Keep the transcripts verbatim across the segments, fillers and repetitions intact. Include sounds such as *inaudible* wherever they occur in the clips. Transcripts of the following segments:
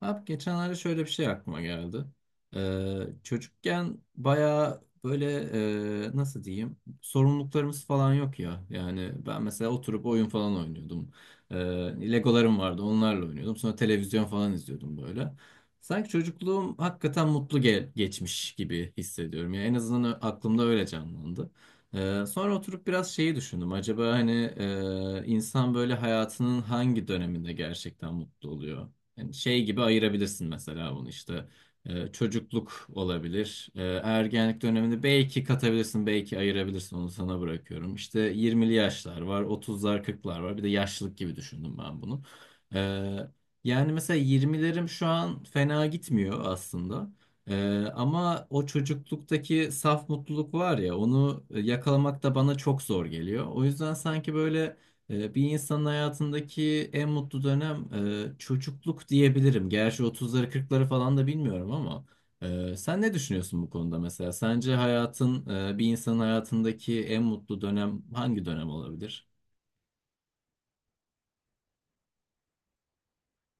Abi geçenlerde şöyle bir şey aklıma geldi. Ee, çocukken bayağı böyle e, nasıl diyeyim sorumluluklarımız falan yok ya. Yani ben mesela oturup oyun falan oynuyordum. Ee, Legolarım vardı onlarla oynuyordum. Sonra televizyon falan izliyordum böyle. Sanki çocukluğum hakikaten mutlu ge- geçmiş gibi hissediyorum. Yani en azından ö- aklımda öyle canlandı. Ee, sonra oturup biraz şeyi düşündüm. Acaba hani e, insan böyle hayatının hangi döneminde gerçekten mutlu oluyor? Yani şey gibi ayırabilirsin mesela bunu işte Ee, çocukluk olabilir. Ee, ergenlik döneminde belki katabilirsin, belki ayırabilirsin. Onu sana bırakıyorum. İşte yirmili yaşlar var, otuzlar, kırklar var. Bir de yaşlılık gibi düşündüm ben bunu. Ee, yani mesela yirmilerim şu an fena gitmiyor aslında. Ee, ama o çocukluktaki saf mutluluk var ya onu yakalamak da bana çok zor geliyor. O yüzden sanki böyle ee, Bir insanın hayatındaki en mutlu dönem e, çocukluk diyebilirim. Gerçi otuzları kırkları falan da bilmiyorum ama e, sen ne düşünüyorsun bu konuda mesela? Sence hayatın e, bir insanın hayatındaki en mutlu dönem hangi dönem olabilir?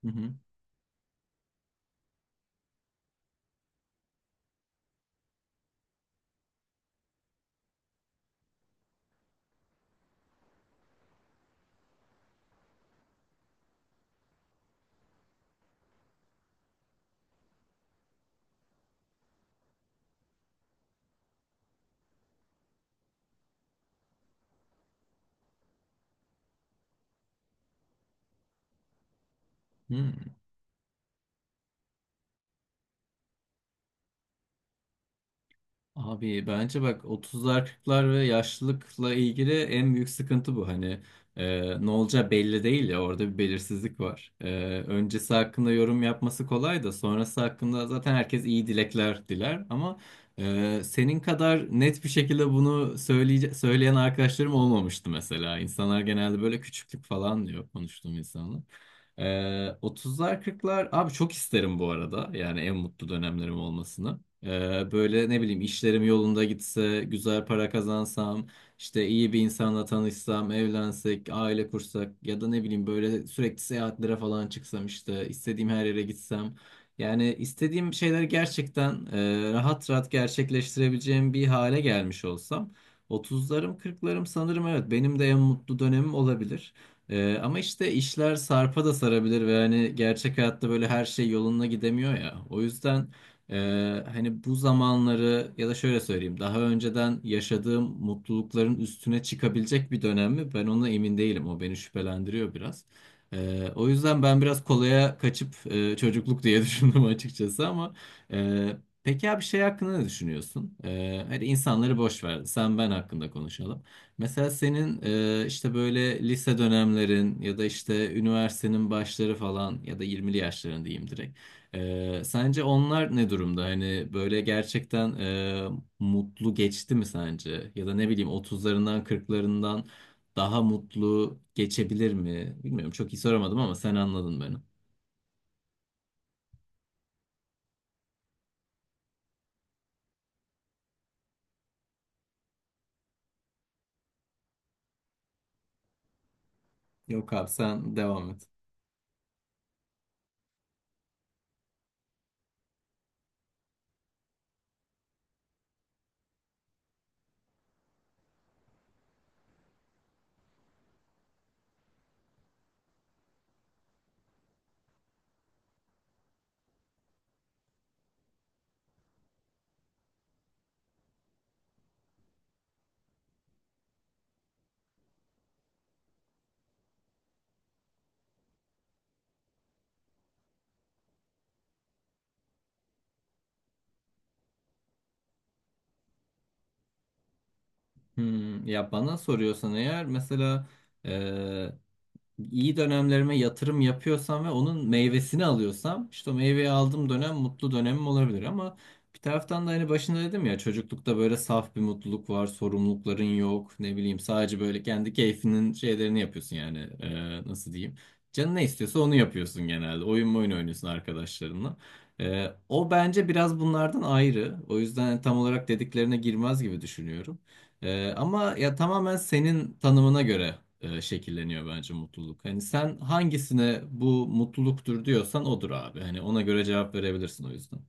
Hı hı. Hı. Abi bence bak otuzlar kırklar ve yaşlılıkla ilgili en büyük sıkıntı bu. Hani e, ne olacağı belli değil ya orada bir belirsizlik var. E, öncesi hakkında yorum yapması kolay da sonrası hakkında zaten herkes iyi dilekler diler. Ama e, senin kadar net bir şekilde bunu söyleyece- söyleyen arkadaşlarım olmamıştı mesela. İnsanlar genelde böyle küçüklük falan diyor konuştuğum insanlar. E, otuzlar kırklar abi çok isterim bu arada yani en mutlu dönemlerim olmasını. Ee, böyle ne bileyim işlerim yolunda gitse, güzel para kazansam, işte iyi bir insanla tanışsam, evlensek, aile kursak ya da ne bileyim böyle sürekli seyahatlere falan çıksam işte istediğim her yere gitsem. Yani istediğim şeyleri gerçekten e, rahat rahat gerçekleştirebileceğim bir hale gelmiş olsam otuzlarım kırklarım sanırım evet benim de en mutlu dönemim olabilir. Ee, ama işte işler sarpa da sarabilir ve hani gerçek hayatta böyle her şey yoluna gidemiyor ya. O yüzden ee, hani bu zamanları ya da şöyle söyleyeyim daha önceden yaşadığım mutlulukların üstüne çıkabilecek bir dönem mi? Ben ona emin değilim. O beni şüphelendiriyor biraz. Ee, o yüzden ben biraz kolaya kaçıp e, çocukluk diye *laughs* düşündüm açıkçası ama e, peki abi şey hakkında ne düşünüyorsun? Ee, hadi insanları boş ver. Sen ben hakkında konuşalım. Mesela senin e, işte böyle lise dönemlerin ya da işte üniversitenin başları falan ya da yirmili yaşların diyeyim direkt. Ee, sence onlar ne durumda? Hani böyle gerçekten e, mutlu geçti mi sence? Ya da ne bileyim otuzlarından kırklarından daha mutlu geçebilir mi? Bilmiyorum çok iyi soramadım ama sen anladın beni. Yok abi sen devam et. Hmm, ya bana soruyorsan eğer mesela iyi dönemlerime yatırım yapıyorsam ve onun meyvesini alıyorsam işte o meyveyi aldığım dönem mutlu dönemim olabilir ama bir taraftan da hani başında dedim ya çocuklukta böyle saf bir mutluluk var, sorumlulukların yok, ne bileyim sadece böyle kendi keyfinin şeylerini yapıyorsun yani Ee, nasıl diyeyim? Canın ne istiyorsa onu yapıyorsun genelde. Oyun oyun oynuyorsun arkadaşlarınla. Ee, o bence biraz bunlardan ayrı. O yüzden tam olarak dediklerine girmez gibi düşünüyorum. Ee, ama ya tamamen senin tanımına göre e, şekilleniyor bence mutluluk. Hani sen hangisine bu mutluluktur diyorsan odur abi. Hani ona göre cevap verebilirsin o yüzden.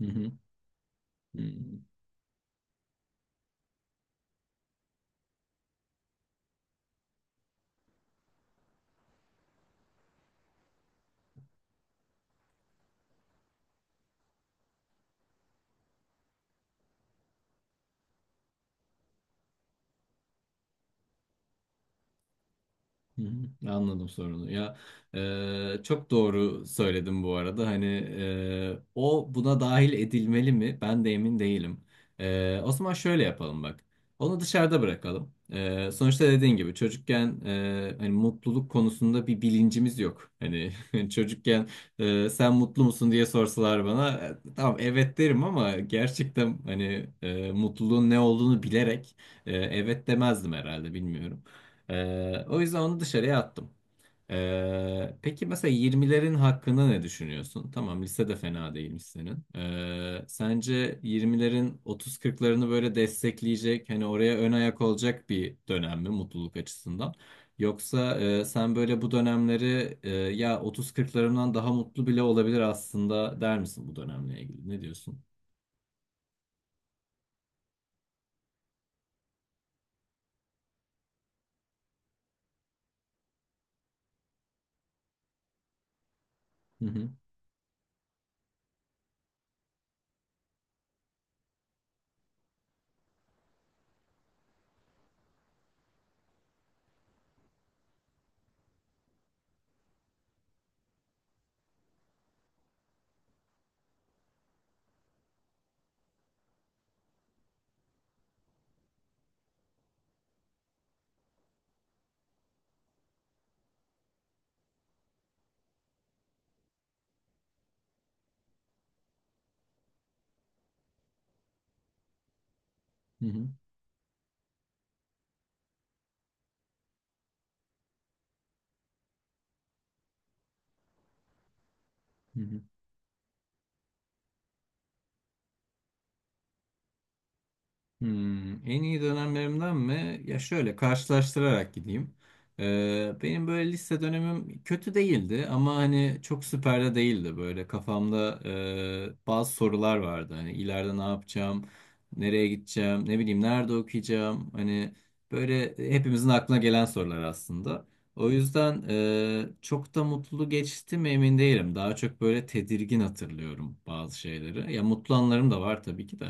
Hı hı. Hı. Hı hı, Anladım sorunu. Ya e, çok doğru söyledim bu arada. Hani e, o buna dahil edilmeli mi? Ben de emin değilim. E, o zaman şöyle yapalım bak. Onu dışarıda bırakalım. E, sonuçta dediğin gibi çocukken e, hani mutluluk konusunda bir bilincimiz yok. Hani *laughs* çocukken e, sen mutlu musun diye sorsalar bana e, tamam evet derim ama gerçekten hani e, mutluluğun ne olduğunu bilerek e, evet demezdim herhalde bilmiyorum. Ee, o yüzden onu dışarıya attım. Ee, peki mesela yirmilerin hakkında ne düşünüyorsun? Tamam lise de fena değilmiş senin. Ee, sence yirmilerin otuz kırklarını böyle destekleyecek, hani oraya ön ayak olacak bir dönem mi mutluluk açısından? Yoksa e, sen böyle bu dönemleri e, ya otuz kırklarımdan daha mutlu bile olabilir aslında der misin bu dönemle ilgili? Ne diyorsun? Hı hı, hı hı, hı hı. Hmm, en iyi dönemlerimden mi? Ya şöyle karşılaştırarak gideyim. Ee, benim böyle lise dönemim kötü değildi ama hani çok süper de değildi. Böyle kafamda e, bazı sorular vardı. Hani ileride ne yapacağım, nereye gideceğim, ne bileyim nerede okuyacağım. Hani böyle hepimizin aklına gelen sorular aslında. O yüzden e, çok da mutlu geçti mi emin değilim. Daha çok böyle tedirgin hatırlıyorum bazı şeyleri. Ya mutlu anlarım da var tabii ki de.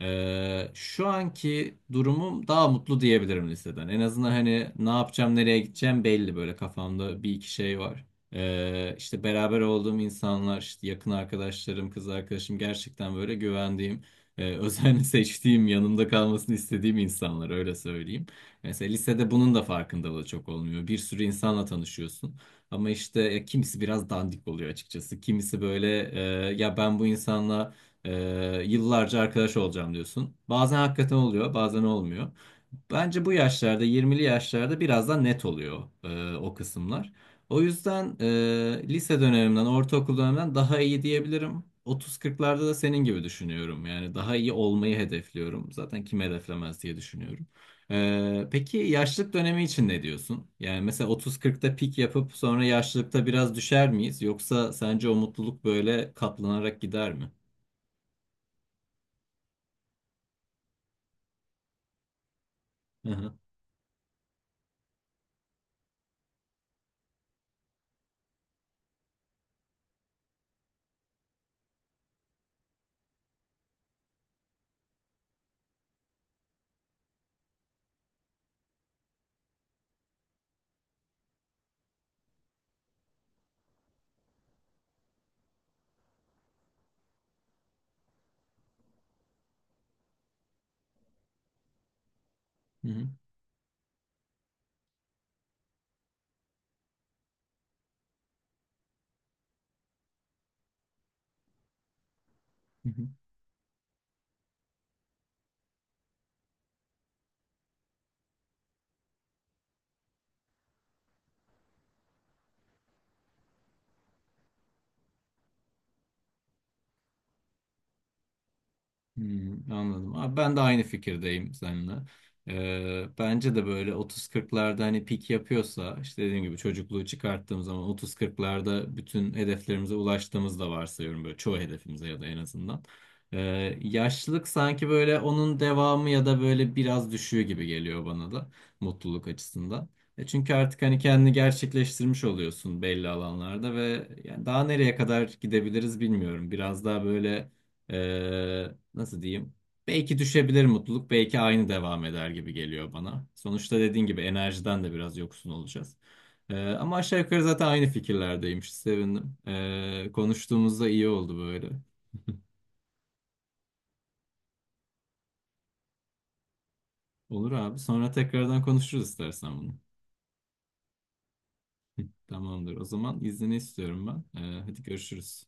Ee, şu anki durumum daha mutlu diyebilirim liseden. En azından hani ne yapacağım, nereye gideceğim belli böyle kafamda bir iki şey var. Ee, işte beraber olduğum insanlar, işte yakın arkadaşlarım, kız arkadaşım gerçekten böyle güvendiğim, e, özenle *laughs* seçtiğim, yanımda kalmasını istediğim insanlar öyle söyleyeyim. Mesela lisede bunun da farkındalığı çok olmuyor. Bir sürü insanla tanışıyorsun. Ama işte e, kimisi biraz dandik oluyor açıkçası. Kimisi böyle e, ya ben bu insanla ee, yıllarca arkadaş olacağım diyorsun. Bazen hakikaten oluyor, bazen olmuyor. Bence bu yaşlarda, yirmili yaşlarda biraz daha net oluyor e, o kısımlar. O yüzden e, lise dönemimden, ortaokul dönemimden daha iyi diyebilirim. otuz kırklarda da senin gibi düşünüyorum. Yani daha iyi olmayı hedefliyorum. Zaten kim hedeflemez diye düşünüyorum. Ee, peki yaşlılık dönemi için ne diyorsun? Yani mesela otuz kırkta pik yapıp sonra yaşlılıkta biraz düşer miyiz? Yoksa sence o mutluluk böyle katlanarak gider mi? Hı hı, hı hı. Hmm, anladım. Abi ben de aynı fikirdeyim seninle. Ee, bence de böyle otuz kırklarda hani pik yapıyorsa işte dediğim gibi çocukluğu çıkarttığım zaman otuz kırklarda bütün hedeflerimize ulaştığımız da varsayıyorum böyle çoğu hedefimize ya da en azından. Ee, yaşlılık sanki böyle onun devamı ya da böyle biraz düşüğü gibi geliyor bana da mutluluk açısından. E çünkü artık hani kendini gerçekleştirmiş oluyorsun belli alanlarda ve yani daha nereye kadar gidebiliriz bilmiyorum. Biraz daha böyle Ee, nasıl diyeyim? Belki düşebilir mutluluk, belki aynı devam eder gibi geliyor bana. Sonuçta dediğin gibi enerjiden de biraz yoksun olacağız. Ee, ama aşağı yukarı zaten aynı fikirlerdeymiş. Sevindim. Ee, konuştuğumuzda iyi oldu böyle. *laughs* Olur abi. Sonra tekrardan konuşuruz istersen bunu. *laughs* Tamamdır. O zaman izni istiyorum ben. Ee, hadi görüşürüz.